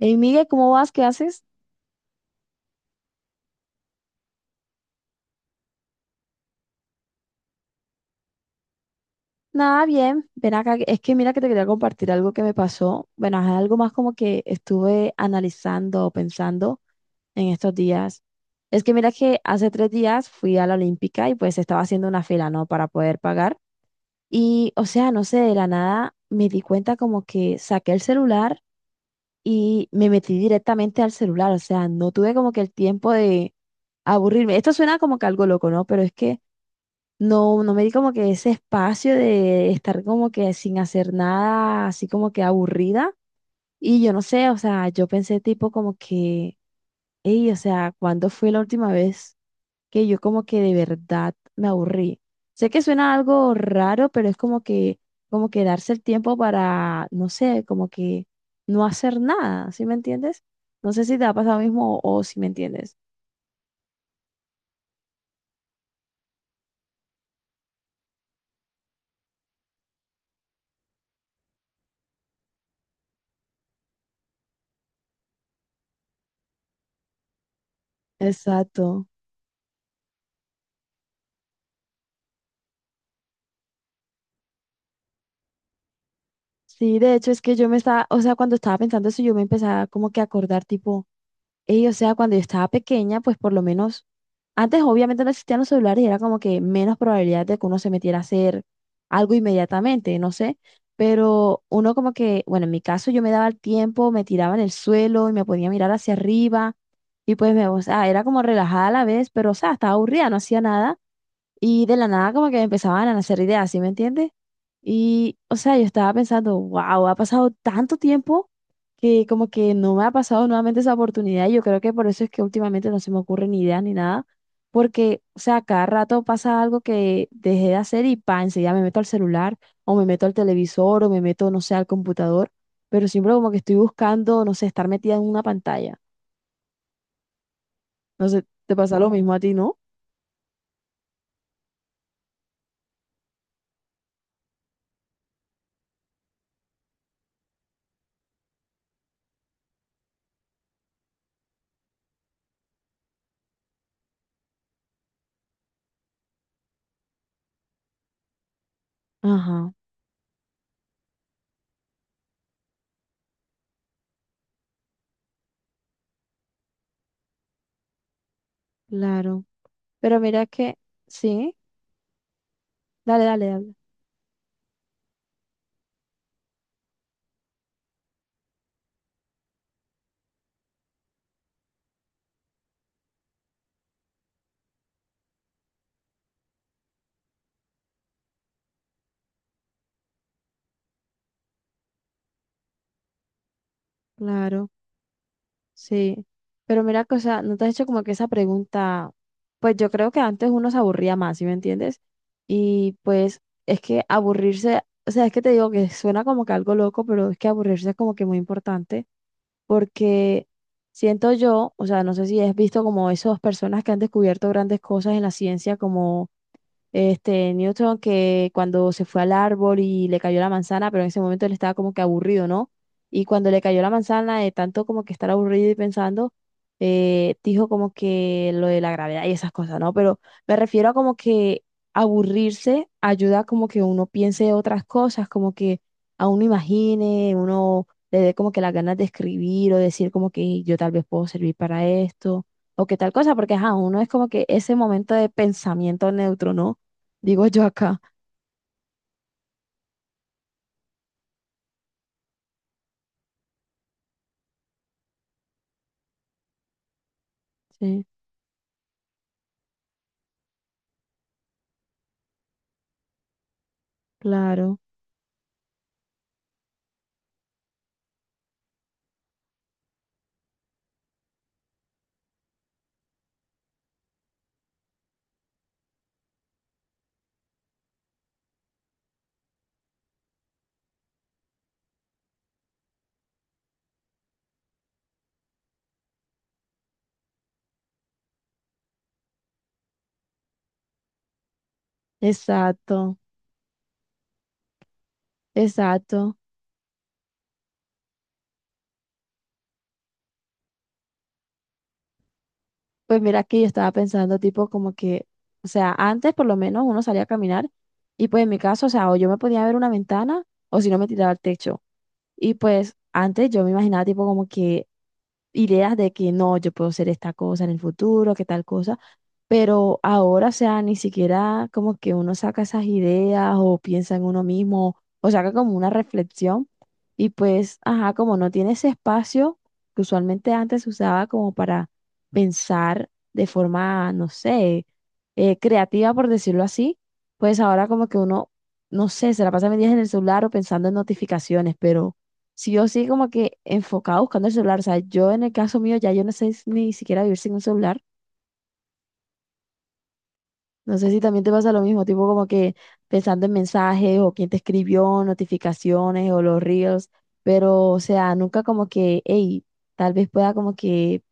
Hey, Miguel, ¿cómo vas? ¿Qué haces? Nada, bien. Ven acá. Es que mira que te quería compartir algo que me pasó. Bueno, es algo más como que estuve analizando o pensando en estos días. Es que mira que hace tres días fui a la Olímpica y pues estaba haciendo una fila, ¿no? Para poder pagar. Y, o sea, no sé, de la nada me di cuenta como que saqué el celular y me metí directamente al celular. O sea, no tuve como que el tiempo de aburrirme. Esto suena como que algo loco, ¿no? Pero es que no, no me di como que ese espacio de estar como que sin hacer nada, así como que aburrida. Y yo no sé, o sea, yo pensé tipo como que, hey, o sea, ¿cuándo fue la última vez que yo como que de verdad me aburrí? Sé que suena algo raro, pero es como que darse el tiempo para, no sé, como que no hacer nada, ¿sí me entiendes? No sé si te ha pasado lo mismo o si me entiendes. Exacto. Sí, de hecho es que yo me estaba, o sea, cuando estaba pensando eso, yo me empezaba como que a acordar tipo, ey, o sea, cuando yo estaba pequeña, pues por lo menos, antes obviamente no existían los celulares y era como que menos probabilidad de que uno se metiera a hacer algo inmediatamente, no sé, pero uno como que, bueno, en mi caso yo me daba el tiempo, me tiraba en el suelo y me podía mirar hacia arriba y pues me, o sea, era como relajada a la vez, pero o sea, estaba aburrida, no hacía nada. Y de la nada como que me empezaban a nacer ideas, ¿sí me entiendes? Y, o sea, yo estaba pensando, wow, ha pasado tanto tiempo que como que no me ha pasado nuevamente esa oportunidad. Y yo creo que por eso es que últimamente no se me ocurren ni ideas ni nada. Porque, o sea, cada rato pasa algo que dejé de hacer y pa, enseguida me meto al celular o me meto al televisor o me meto, no sé, al computador. Pero siempre como que estoy buscando, no sé, estar metida en una pantalla. No sé, te pasa lo mismo a ti, ¿no? Ajá, claro. Pero mira que, sí. Dale, dale, dale. Claro, sí. Pero mira que, o sea, no te has hecho como que esa pregunta, pues yo creo que antes uno se aburría más, ¿sí me entiendes? Y pues es que aburrirse, o sea, es que te digo que suena como que algo loco, pero es que aburrirse es como que muy importante. Porque siento yo, o sea, no sé si has visto como esas personas que han descubierto grandes cosas en la ciencia, como este, Newton que cuando se fue al árbol y le cayó la manzana, pero en ese momento él estaba como que aburrido, ¿no? Y cuando le cayó la manzana, de tanto como que estar aburrido y pensando, dijo como que lo de la gravedad y esas cosas, ¿no? Pero me refiero a como que aburrirse ayuda como que uno piense otras cosas, como que a uno imagine, uno le dé como que las ganas de escribir o decir como que yo tal vez puedo servir para esto o que tal cosa, porque ajá, uno es como que ese momento de pensamiento neutro, ¿no? Digo yo acá. Sí, claro. Exacto, exacto. Pues mira que yo estaba pensando tipo como que, o sea, antes por lo menos uno salía a caminar y pues en mi caso, o sea, o yo me podía ver una ventana o si no me tiraba al techo. Y pues antes yo me imaginaba tipo como que ideas de que no, yo puedo ser esta cosa en el futuro, que tal cosa, pero ahora, o sea, ni siquiera como que uno saca esas ideas o piensa en uno mismo o saca como una reflexión y pues, ajá, como no tiene ese espacio que usualmente antes se usaba como para pensar de forma, no sé, creativa, por decirlo así, pues ahora como que uno, no sé, se la pasa mil días en el celular o pensando en notificaciones, pero si yo sí como que enfocada buscando el celular. O sea, yo en el caso mío ya yo no sé ni siquiera vivir sin un celular. No sé si también te pasa lo mismo, tipo como que pensando en mensajes o quién te escribió, notificaciones o los reels, pero o sea, nunca como que, hey, tal vez pueda como que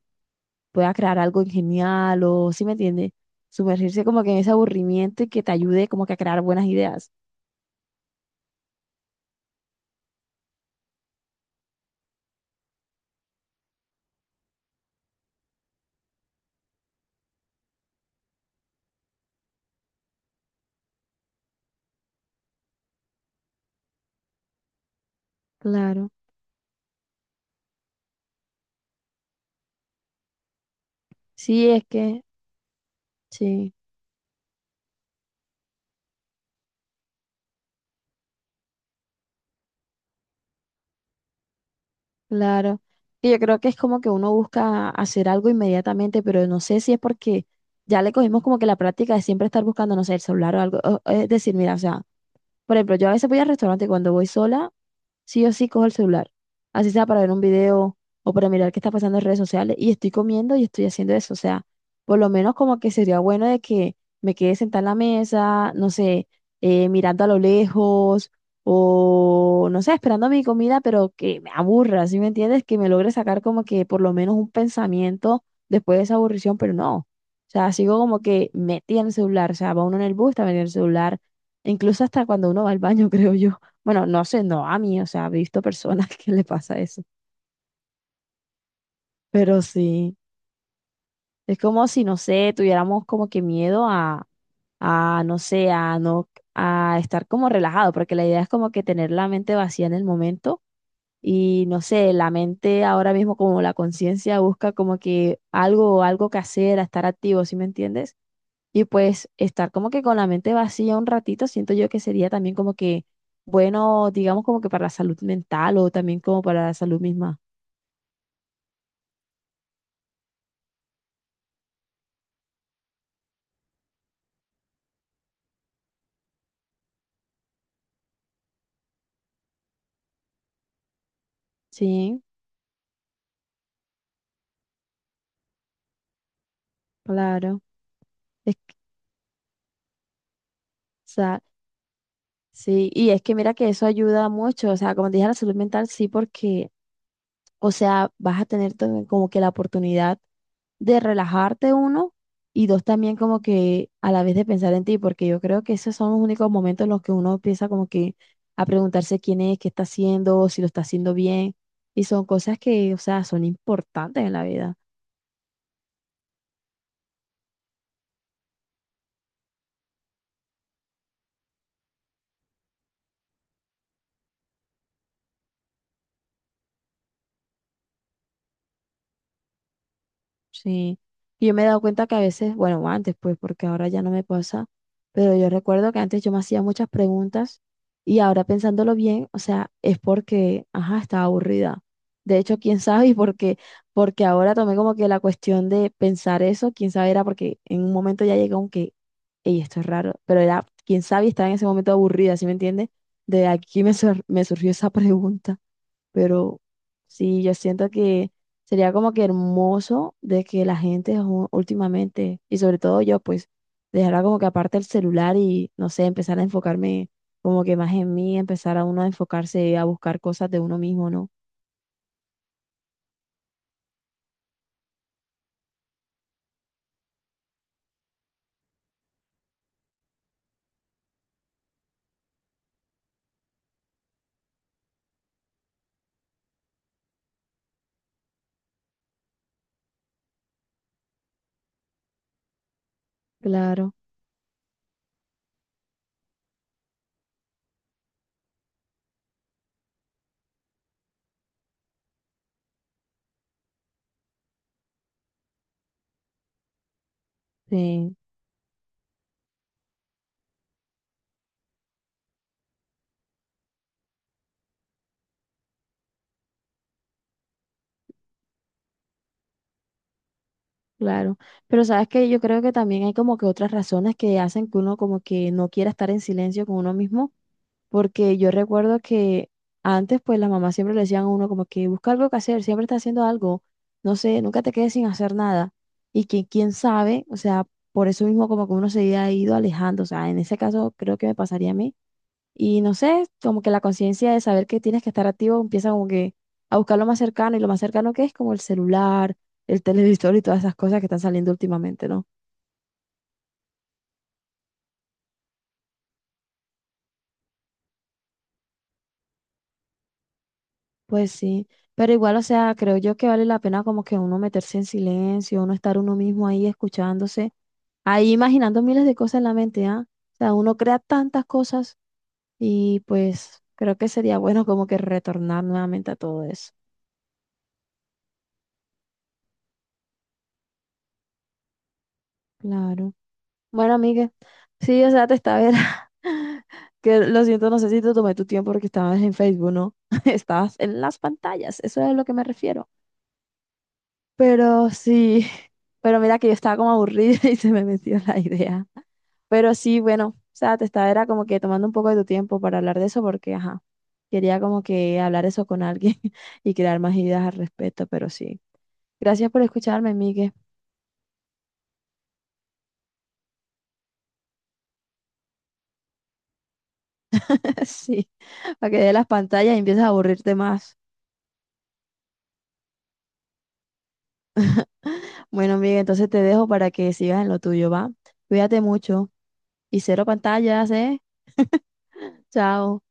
pueda crear algo genial o, si me entiendes? Sumergirse como que en ese aburrimiento y que te ayude como que a crear buenas ideas. Claro. Sí, es que, sí. Claro. Y yo creo que es como que uno busca hacer algo inmediatamente, pero no sé si es porque ya le cogimos como que la práctica de siempre estar buscando, no sé, el celular o algo. O es decir, mira, o sea, por ejemplo, yo a veces voy al restaurante y cuando voy sola sí o sí cojo el celular, así sea para ver un video o para mirar qué está pasando en redes sociales, y estoy comiendo y estoy haciendo eso, o sea, por lo menos como que sería bueno de que me quede sentada en la mesa, no sé, mirando a lo lejos o, no sé, esperando mi comida, pero que me aburra, ¿sí me entiendes? Que me logre sacar como que por lo menos un pensamiento después de esa aburrición, pero no, o sea, sigo como que metida en el celular, o sea, va uno en el bus, está metido en el celular, incluso hasta cuando uno va al baño, creo yo. Bueno, no sé, no a mí, o sea, he visto personas que le pasa eso, pero sí, es como si, no sé, tuviéramos como que miedo a, no sé, a no, a estar como relajado, porque la idea es como que tener la mente vacía en el momento y, no sé, la mente ahora mismo como la conciencia busca como que algo, algo que hacer, a estar activo, ¿sí me entiendes? Y pues estar como que con la mente vacía un ratito, siento yo que sería también como que, bueno, digamos como que para la salud mental o también como para la salud misma. Sí, claro. Es o sea, sí, y es que mira que eso ayuda mucho, o sea, como te dije, la salud mental sí, porque, o sea, vas a tener como que la oportunidad de relajarte uno y dos también como que a la vez de pensar en ti, porque yo creo que esos son los únicos momentos en los que uno empieza como que a preguntarse quién es, qué está haciendo, si lo está haciendo bien, y son cosas que, o sea, son importantes en la vida. Sí, y yo me he dado cuenta que a veces, bueno, antes pues, porque ahora ya no me pasa, pero yo recuerdo que antes yo me hacía muchas preguntas y ahora pensándolo bien, o sea, es porque, ajá, estaba aburrida. De hecho, quién sabe, y porque, porque ahora tomé como que la cuestión de pensar eso, quién sabe, era porque en un momento ya llegó un que, ey, esto es raro, pero era, quién sabe, y estaba en ese momento aburrida, ¿sí me entiendes? De aquí me, me surgió esa pregunta pero sí, yo siento que sería como que hermoso de que la gente últimamente, y sobre todo yo, pues, dejara como que aparte el celular y, no sé, empezar a enfocarme como que más en mí, empezar a uno a enfocarse a buscar cosas de uno mismo, ¿no? Claro, sí, claro. Pero sabes que yo creo que también hay como que otras razones que hacen que uno como que no quiera estar en silencio con uno mismo porque yo recuerdo que antes pues las mamás siempre le decían a uno como que busca algo que hacer, siempre está haciendo algo, no sé, nunca te quedes sin hacer nada. Y que quién sabe, o sea, por eso mismo como que uno se ha ido alejando, o sea, en ese caso creo que me pasaría a mí. Y no sé, como que la conciencia de saber que tienes que estar activo empieza como que a buscar lo más cercano y lo más cercano que es como el celular, el televisor y todas esas cosas que están saliendo últimamente, ¿no? Pues sí, pero igual, o sea, creo yo que vale la pena como que uno meterse en silencio, uno estar uno mismo ahí escuchándose, ahí imaginando miles de cosas en la mente, ¿ah? O sea, uno crea tantas cosas y pues creo que sería bueno como que retornar nuevamente a todo eso. Claro. Bueno, amiga, sí, o sea, te estaba ver. Que lo siento, no sé si te tomé tu tiempo porque estabas en Facebook, ¿no? Estabas en las pantallas, eso es a lo que me refiero. Pero sí, pero mira que yo estaba como aburrida y se me metió la idea. Pero sí, bueno, o sea, te estaba era como que tomando un poco de tu tiempo para hablar de eso porque, ajá, quería como que hablar eso con alguien y crear más ideas al respecto, pero sí. Gracias por escucharme, Migue. Sí, para que de las pantallas y empieces a aburrirte más. Bueno, Migue, entonces te dejo para que sigas en lo tuyo, ¿va? Cuídate mucho y cero pantallas, ¿eh? Chao.